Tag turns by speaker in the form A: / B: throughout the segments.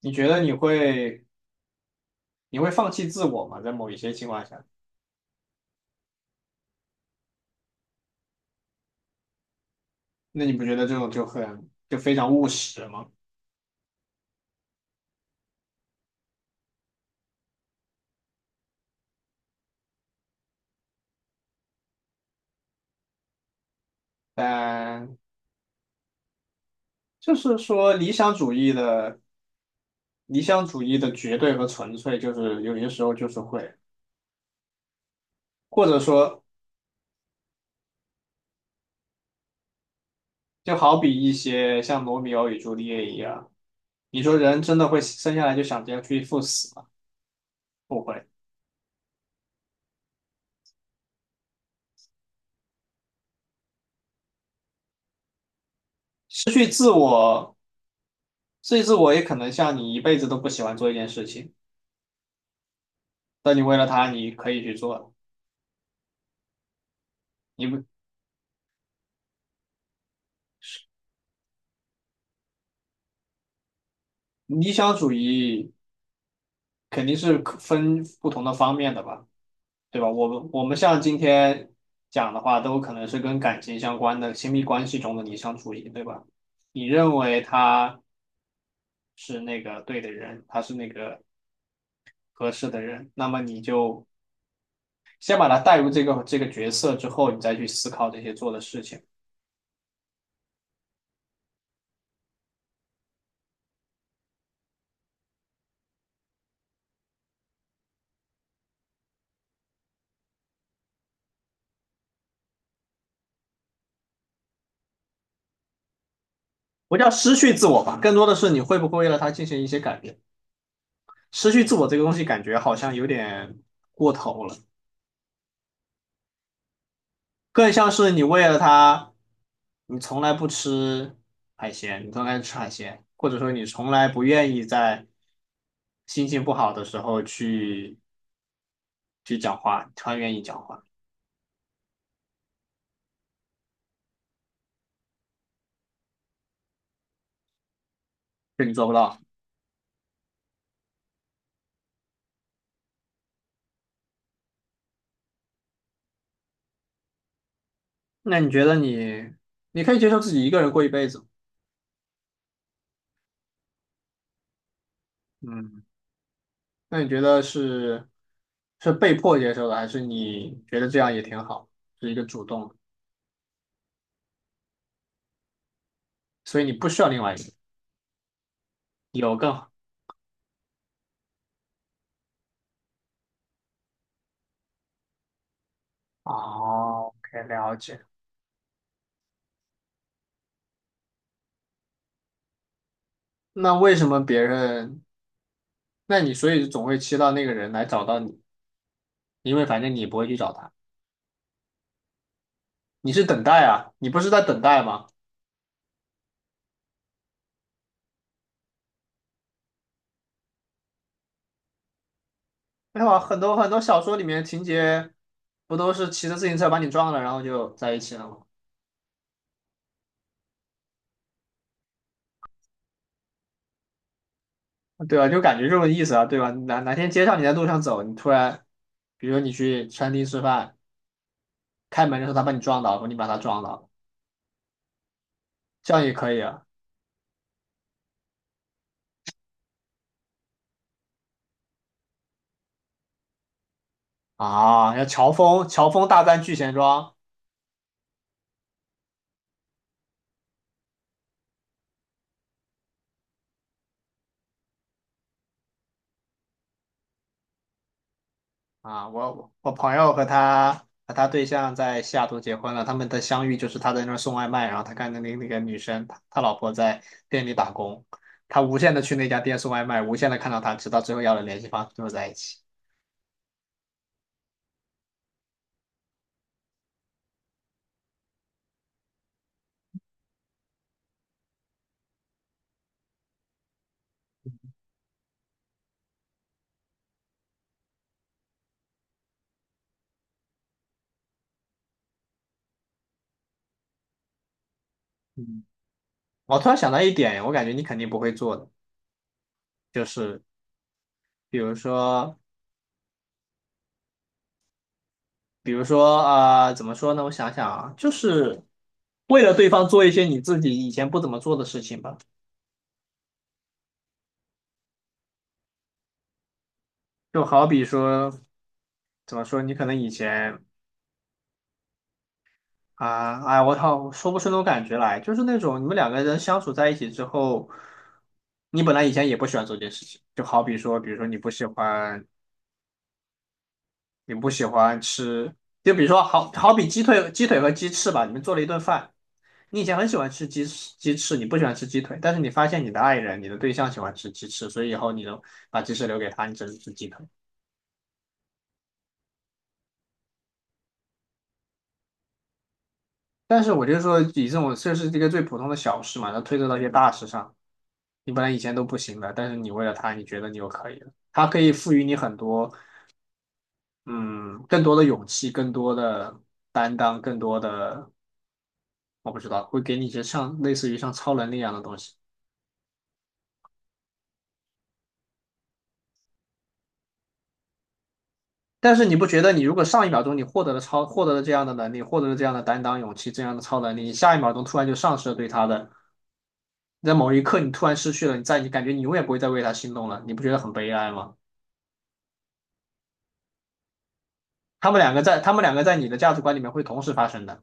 A: 你觉得你会放弃自我吗？在某一些情况下，那你不觉得这种就很就非常务实吗？但就是说理想主义的绝对和纯粹，就是有些时候就是会，或者说就好比一些像罗密欧与朱丽叶一样，你说人真的会生下来就想着要去赴死吗？不会。失去自我，失去自我也可能像你一辈子都不喜欢做一件事情，但你为了它，你可以去做。你不理想主义。肯定是分不同的方面的吧，对吧？我们像今天讲的话，都可能是跟感情相关的亲密关系中的理想主义，对吧？你认为他是那个对的人，他是那个合适的人，那么你就先把他带入这个角色之后，你再去思考这些做的事情，不叫失去自我吧，更多的是你会不会为了他进行一些改变。失去自我这个东西，感觉好像有点过头了。更像是你为了他，你从来不吃你从来不吃海鲜，或者说你从来不愿意在心情不好的时候去讲话，你突然愿意讲话，这你做不到。那你觉得你可以接受自己一个人过一辈子。嗯，那你觉得是是被迫接受的，还是你觉得这样也挺好，是一个主动的？所以你不需要另外一个人有更好。哦，可以了解。那为什么别人那你所以总会期待那个人来找到你，因为反正你不会去找他，你是等待啊，你不是在等待吗？没有啊，很多很多小说里面情节不都是骑着自行车把你撞了，然后就在一起了吗？对吧？就感觉这种意思啊，对吧？哪天街上你在路上走，你突然，比如说你去餐厅吃饭，开门的时候他把你撞倒，或你把他撞倒，这样也可以啊。啊，要乔峰，乔峰大战聚贤庄。啊，我朋友和他对象在西雅图结婚了，他们的相遇就是他在那儿送外卖，然后他看那那个女生，他老婆在店里打工，他无限的去那家店送外卖，无限的看到她，直到最后要了联系方式，最后在一起。嗯，我突然想到一点，我感觉你肯定不会做的，就是比如说，怎么说呢？我想想啊，就是为了对方做一些你自己以前不怎么做的事情吧，就好比说。怎么说？你可能以前啊，哎，我操，说不出那种感觉来，就是那种你们两个人相处在一起之后，你本来以前也不喜欢做这件事情，就好比说，比如说你不喜欢，你不喜欢吃，就比如说好比鸡腿、鸡腿和鸡翅吧，你们做了一顿饭，你以前很喜欢吃鸡翅，你不喜欢吃鸡腿，但是你发现你的爱人、你的对象喜欢吃鸡翅，所以以后你就把鸡翅留给他，你只能吃鸡腿。但是我就说，以这种这是一个最普通的小事嘛，它推测到一些大事上。你本来以前都不行的，但是你为了他，你觉得你又可以了。他可以赋予你很多，嗯，更多的勇气，更多的担当，更多的，我不知道，会给你一些像类似于像超能力一样的东西。但是你不觉得你如果上一秒钟你获得了这样的能力，获得了这样的担当、勇气、这样的超能力，你下一秒钟突然就丧失了对他的，在某一刻你突然失去了，你感觉你永远不会再为他心动了，你不觉得很悲哀吗？他们两个在你的价值观里面会同时发生的。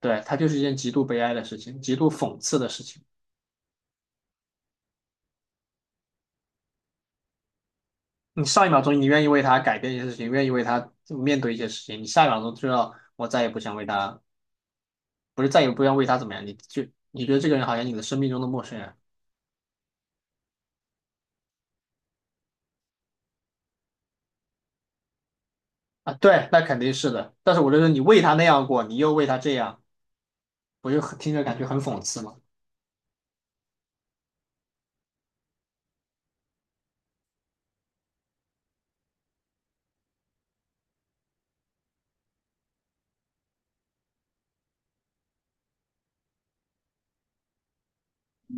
A: 对，它就是一件极度悲哀的事情，极度讽刺的事情。你上一秒钟你愿意为他改变一些事情，愿意为他面对一些事情，你下一秒钟就要我再也不想为他，不是再也不要为他怎么样，你就你觉得这个人好像你的生命中的陌生人。啊？对，那肯定是的。但是我就说你为他那样过，你又为他这样，我就听着感觉很讽刺嘛。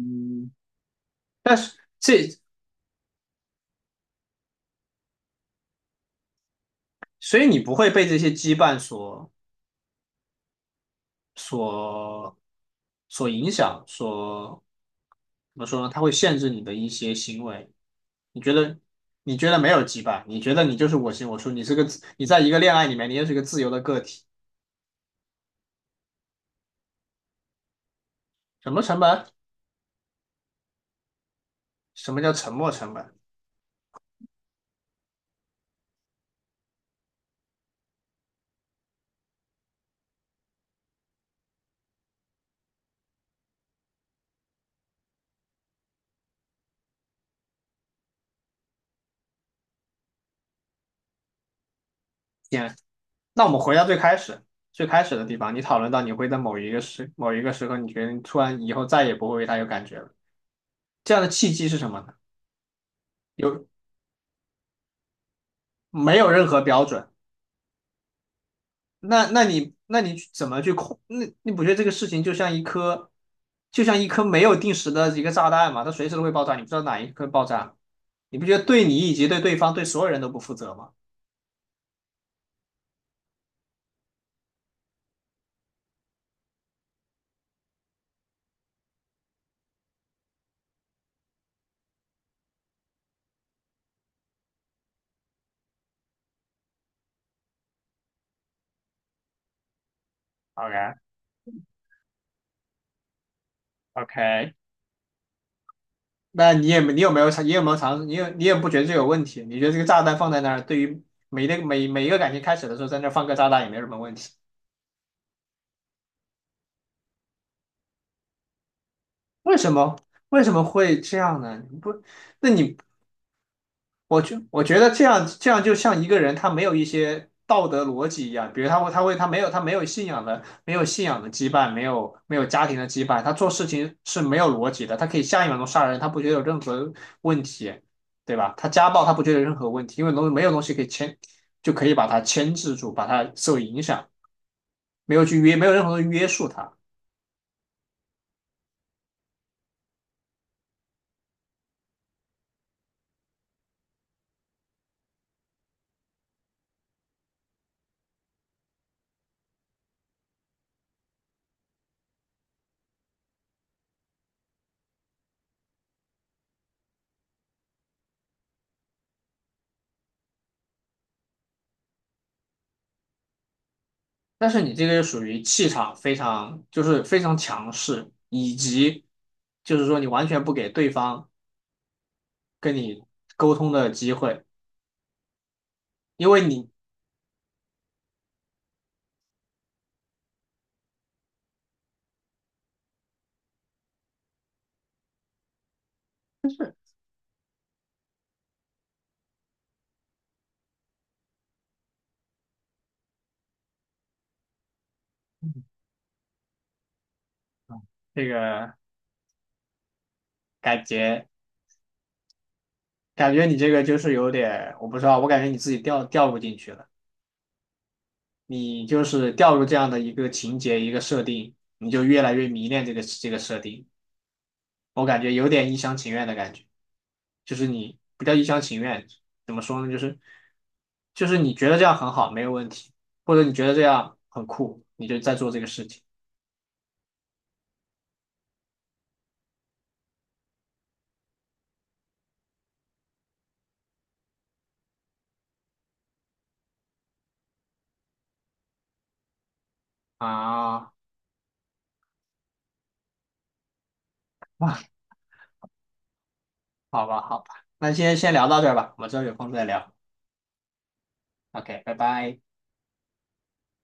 A: 嗯，但是这，所以你不会被这些羁绊所所所影响，所怎么说呢？它会限制你的一些行为。你觉得你觉得没有羁绊，你觉得你就是我行我素，你在一个恋爱里面，你也是个自由的个体。什么成本？什么叫沉没成本？天，那我们回到最开始。最开始的地方，你讨论到你会在某一个时刻，你觉得你突然以后再也不会为他有感觉了，这样的契机是什么呢？有没有任何标准？那你怎么去控？那你不觉得这个事情就像一颗，就像一颗没有定时的一个炸弹嘛？它随时都会爆炸，你不知道哪一颗爆炸，你不觉得对你以及对对方对所有人都不负责吗？OK。 OK,那你也没你有没有尝试？你也不觉得这有问题？你觉得这个炸弹放在那儿，对于每一个感情开始的时候，在那儿放个炸弹也没什么问题？为什么为什么会这样呢？你不，那你我就我觉得这样这样就像一个人他没有一些道德逻辑一样，比如他没有信仰的羁绊，没有家庭的羁绊，他做事情是没有逻辑的，他可以下一秒钟杀人，他不觉得有任何问题，对吧？他家暴他不觉得有任何问题，因为没有东西可以就可以把他牵制住，把他受影响，没有任何的约束他。但是你这个就属于气场非常就是非常强势，以及就是说你完全不给对方。跟你沟通的机会，因为你这个感觉感觉你这个就是有点，我不知道，我感觉你自己掉入进去了，你就是掉入这样的一个情节一个设定，你就越来越迷恋这个设定，我感觉有点一厢情愿的感觉，就是你不叫一厢情愿，怎么说呢？就是你觉得这样很好，没有问题，或者你觉得这样很酷，你就在做这个事情啊。哇，好吧，好吧，那先聊到这儿吧，我们之后有空再聊。OK,拜拜。